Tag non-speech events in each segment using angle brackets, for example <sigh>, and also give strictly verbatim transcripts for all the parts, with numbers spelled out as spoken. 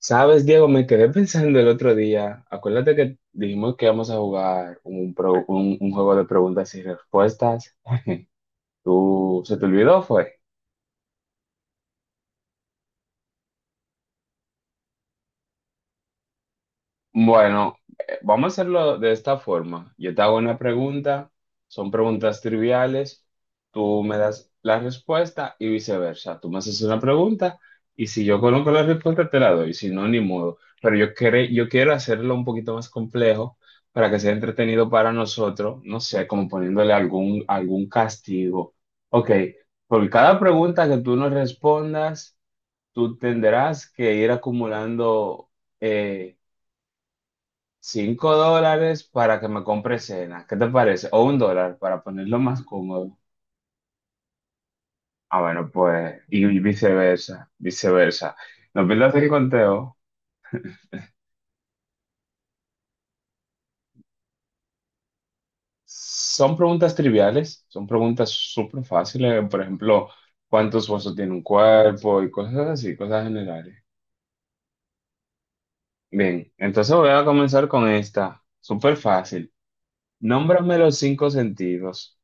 Sabes, Diego, me quedé <laughs> pensando el otro día. Acuérdate que dijimos que íbamos a jugar un, pro- un, un juego de preguntas y respuestas. <laughs> ¿Tú se te olvidó, fue? Bueno, eh, vamos a hacerlo de esta forma. Yo te hago una pregunta, son preguntas triviales, tú me das la respuesta y viceversa. Tú me haces una pregunta y si yo conozco la respuesta te la doy, si no, ni modo. Pero yo, quere- yo quiero hacerlo un poquito más complejo para que sea entretenido para nosotros, no sé, como poniéndole algún, algún castigo. Ok, por cada pregunta que tú nos respondas, tú tendrás que ir acumulando... eh, Cinco dólares para que me compre cena. ¿Qué te parece? O un dólar para ponerlo más cómodo. Ah, bueno, pues, y viceversa, viceversa. No pierdas el conteo. Son preguntas triviales, son preguntas súper fáciles. Por ejemplo, ¿cuántos huesos tiene un cuerpo? Y cosas así, cosas generales. Bien, entonces voy a comenzar con esta. Súper fácil. Nómbrame los cinco sentidos.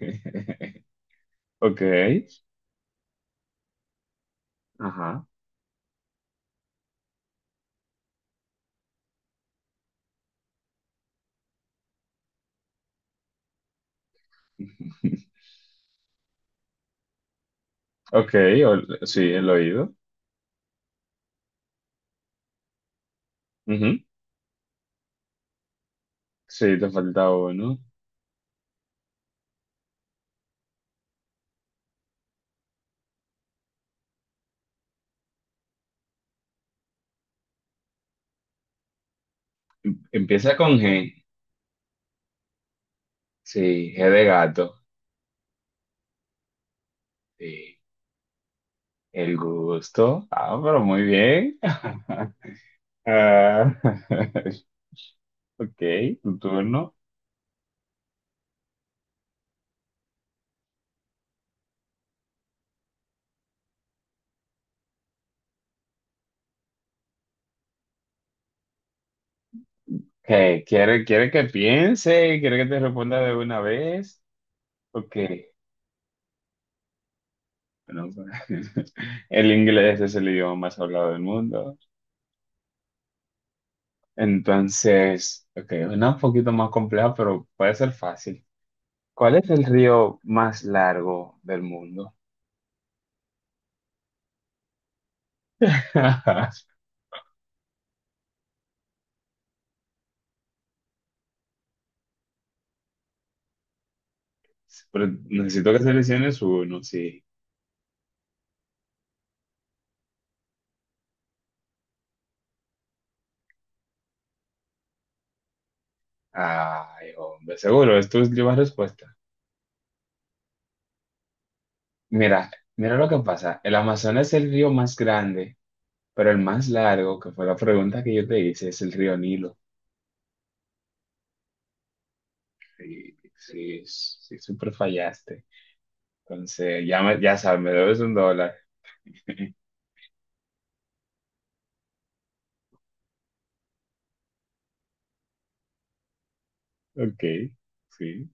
<laughs> Ok, ajá. Ok, o- sí, el oído. Ujú. Sí, te falta uno. Empieza con G. Sí, G de gato. Sí, el gusto. Ah, pero muy bien. <laughs> Ah, <laughs> ok, tu turno. ¿Qué? ¿Quiere, quiere que piense? ¿Quiere que te responda de una vez? Ok. Bueno, <laughs> el inglés es el idioma más hablado del mundo. Entonces, ok, una un poquito más compleja, pero puede ser fácil. ¿Cuál es el río más largo del mundo? <laughs> Pero necesito que selecciones uno, sí. Ay, hombre, seguro, es tu última respuesta. Mira, mira lo que pasa. El Amazonas es el río más grande, pero el más largo, que fue la pregunta que yo te hice, es el río Nilo. Sí, sí, sí, súper fallaste. Entonces, ya, me- ya sabes, me debes un dólar. <laughs> Ok, sí.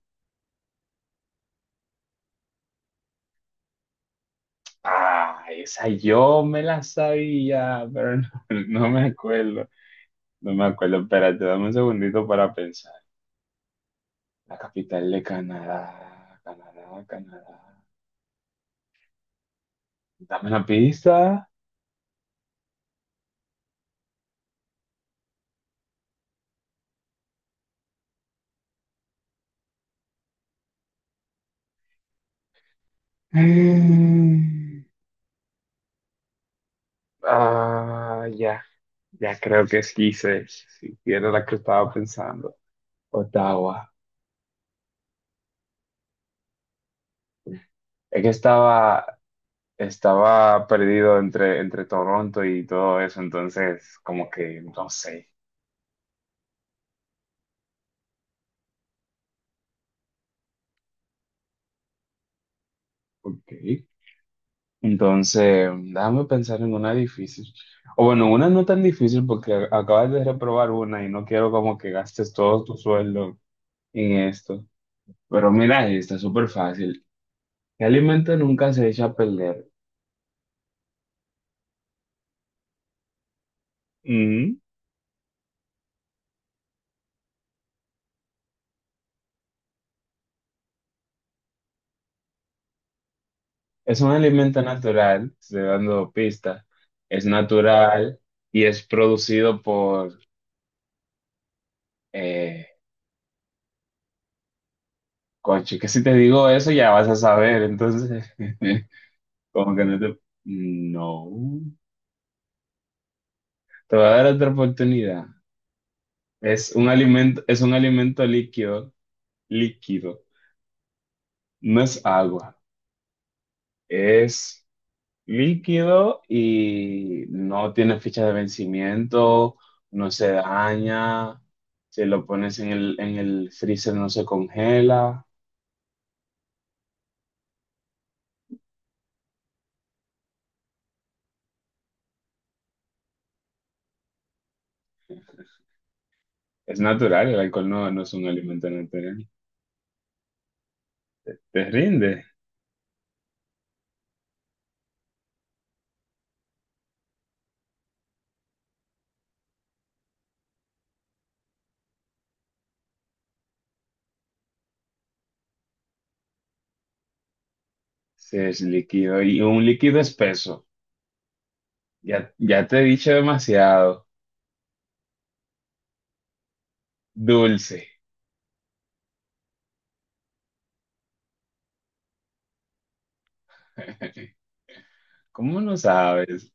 Ah, esa yo me la sabía, pero <laughs> no, no me acuerdo. No me acuerdo. Espérate, dame un segundito para pensar. La capital de Canadá, Canadá, Canadá. Dame una pista. <gasps> Mm. Ah, ya, ya creo que sí sé, si era la que estaba pensando. Ottawa. Es que estaba, estaba perdido entre, entre Toronto y todo eso, entonces como que no sé. Ok. Entonces, déjame pensar en una difícil. O bueno, una no tan difícil porque a- acabas de reprobar una y no quiero como que gastes todo tu sueldo en esto. Pero mira, está súper fácil. ¿Qué alimento nunca se echa a perder? Mm, Es un alimento natural, estoy dando pistas. Es natural y es producido por... Eh, coche, que si te digo eso ya vas a saber. Entonces, <laughs> como que no te... No. Te voy a dar otra oportunidad. Es un alimento, es un alimento líquido, líquido. No es agua, es líquido y no tiene fecha de vencimiento, no se daña, si lo pones en el, en el freezer no se congela. Es natural, el alcohol no, no es un alimento natural. Te rinde si es líquido y un líquido espeso. Ya, ya te he dicho demasiado. Dulce. <laughs> ¿Cómo no sabes?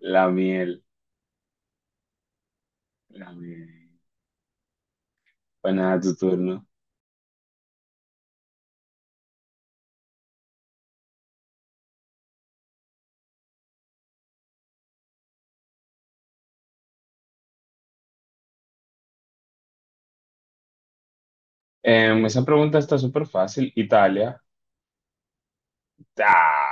La miel. La miel. Pues nada, tu turno. Em, esa pregunta está súper fácil. Italia. ¡Ah!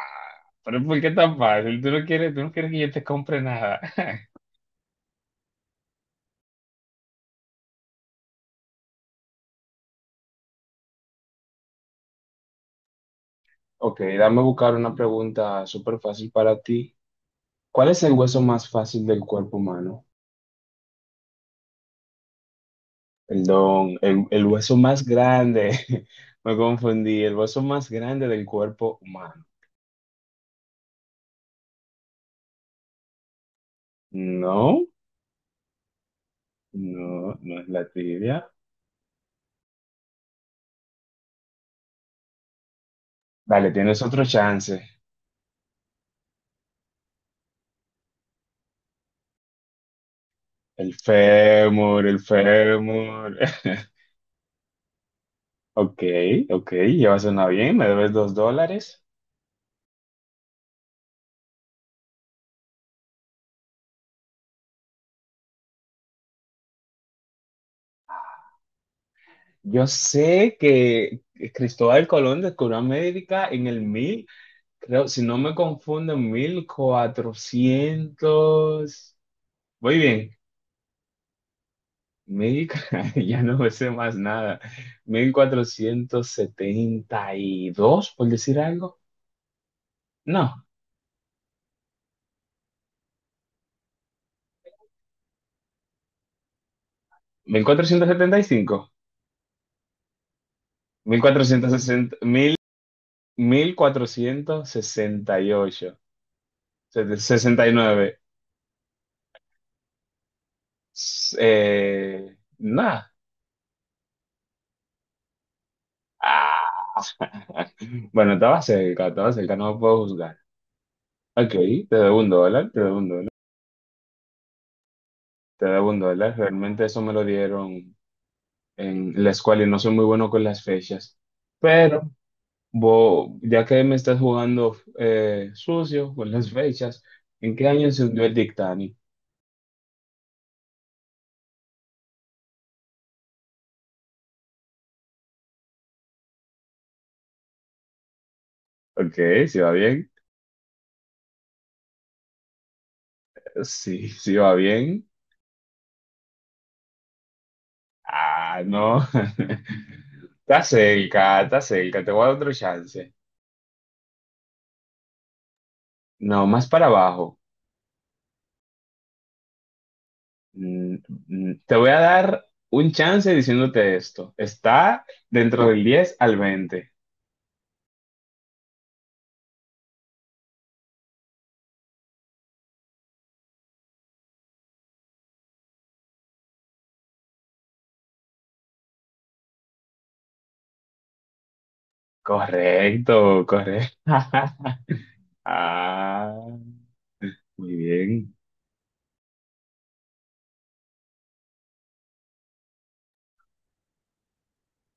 Pero ¿por qué tan fácil? ¿Tú no quieres, tú no quieres que yo te compre nada? <laughs> Ok, dame buscar una pregunta súper fácil para ti. ¿Cuál es el hueso más fácil del cuerpo humano? Perdón, el, el hueso más grande. <laughs> Me confundí. El hueso más grande del cuerpo humano. No, no, no es la tibia. Dale, tienes otro chance. El fémur, el fémur. <laughs> Ok, ok, ya suena bien, me debes dos dólares. Yo sé que Cristóbal Colón descubrió América en el mil, creo, si no me confundo, en mil cuatrocientos. Muy bien, mil, <laughs> ya no me sé más nada. Mil cuatrocientos setenta y dos, por decir algo. No, mil cuatrocientos setenta y cinco. mil- cuatrocientos cuatrocientos sesenta. sesenta Sesenta Mil. Mil cuatrocientos sesenta y ocho, sesenta y nueve. Eh, nada. Ah, <laughs> bueno, estaba cerca, estaba cerca, no lo puedo juzgar. Ok, te debo un dólar, te debo un dólar, te debo un dólar. Realmente eso me lo dieron en la escuela y no soy muy bueno con las fechas. Pero bo- ya que me estás jugando eh, sucio con las fechas, ¿en qué año se hundió el Titanic? Ok, ¿sí va bien? Sí, sí va bien. Ah, no. <laughs> Está cerca, está cerca, te voy a dar otro chance. No, más para abajo. Mm, mm, Te voy a dar un chance diciéndote esto. Está dentro del diez al veinte. Correcto, correcto. <laughs> Ah, muy bien.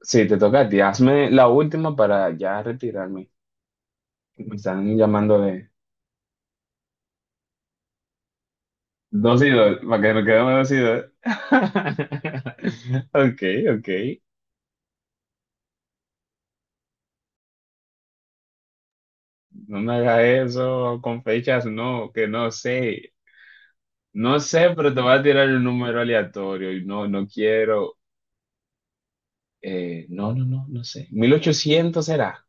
Sí, te toca a ti. Hazme la última para ya retirarme. Me están llamando de dos y dos, para que me quedemos dos y dos. <laughs> Ok, ok. No me hagas eso con fechas, no, que no sé. No sé, pero te voy a tirar un número aleatorio y no, no quiero. eh, no, no, no, no sé. Mil ochocientos será.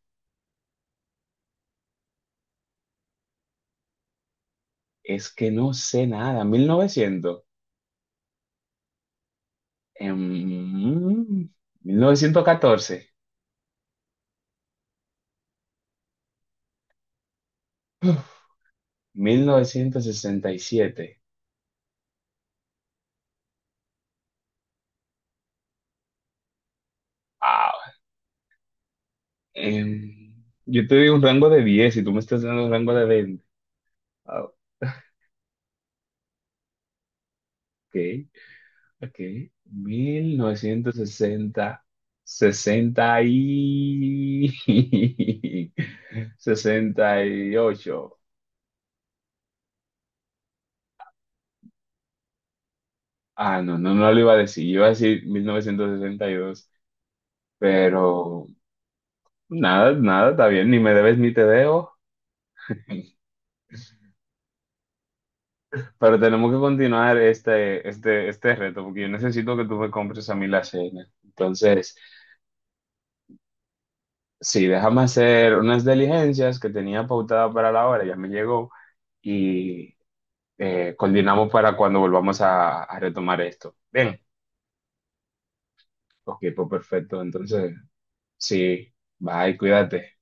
Es que no sé nada. Mil novecientos. Em, Mil Mil novecientos novecientos catorce. ¿Mil novecientos sesenta y siete? Ah, em, yo te digo un rango de diez y tú me estás dando un rango de veinte. Ah, <laughs> ok. Ok, mil novecientos sesenta, sesenta y <laughs> sesenta y ocho. Ah, no, no, no lo iba a decir. Iba a decir mil novecientos sesenta y dos, pero nada, nada, está bien, ni me debes ni te debo. <laughs> Pero tenemos que continuar este, este, este reto, porque yo necesito que tú me compres a mí la cena. Entonces, sí, déjame hacer unas diligencias que tenía pautada para la hora, ya me llegó, y eh, coordinamos para cuando volvamos a, a retomar esto. Bien, ok, pues perfecto. Entonces, sí, bye, cuídate.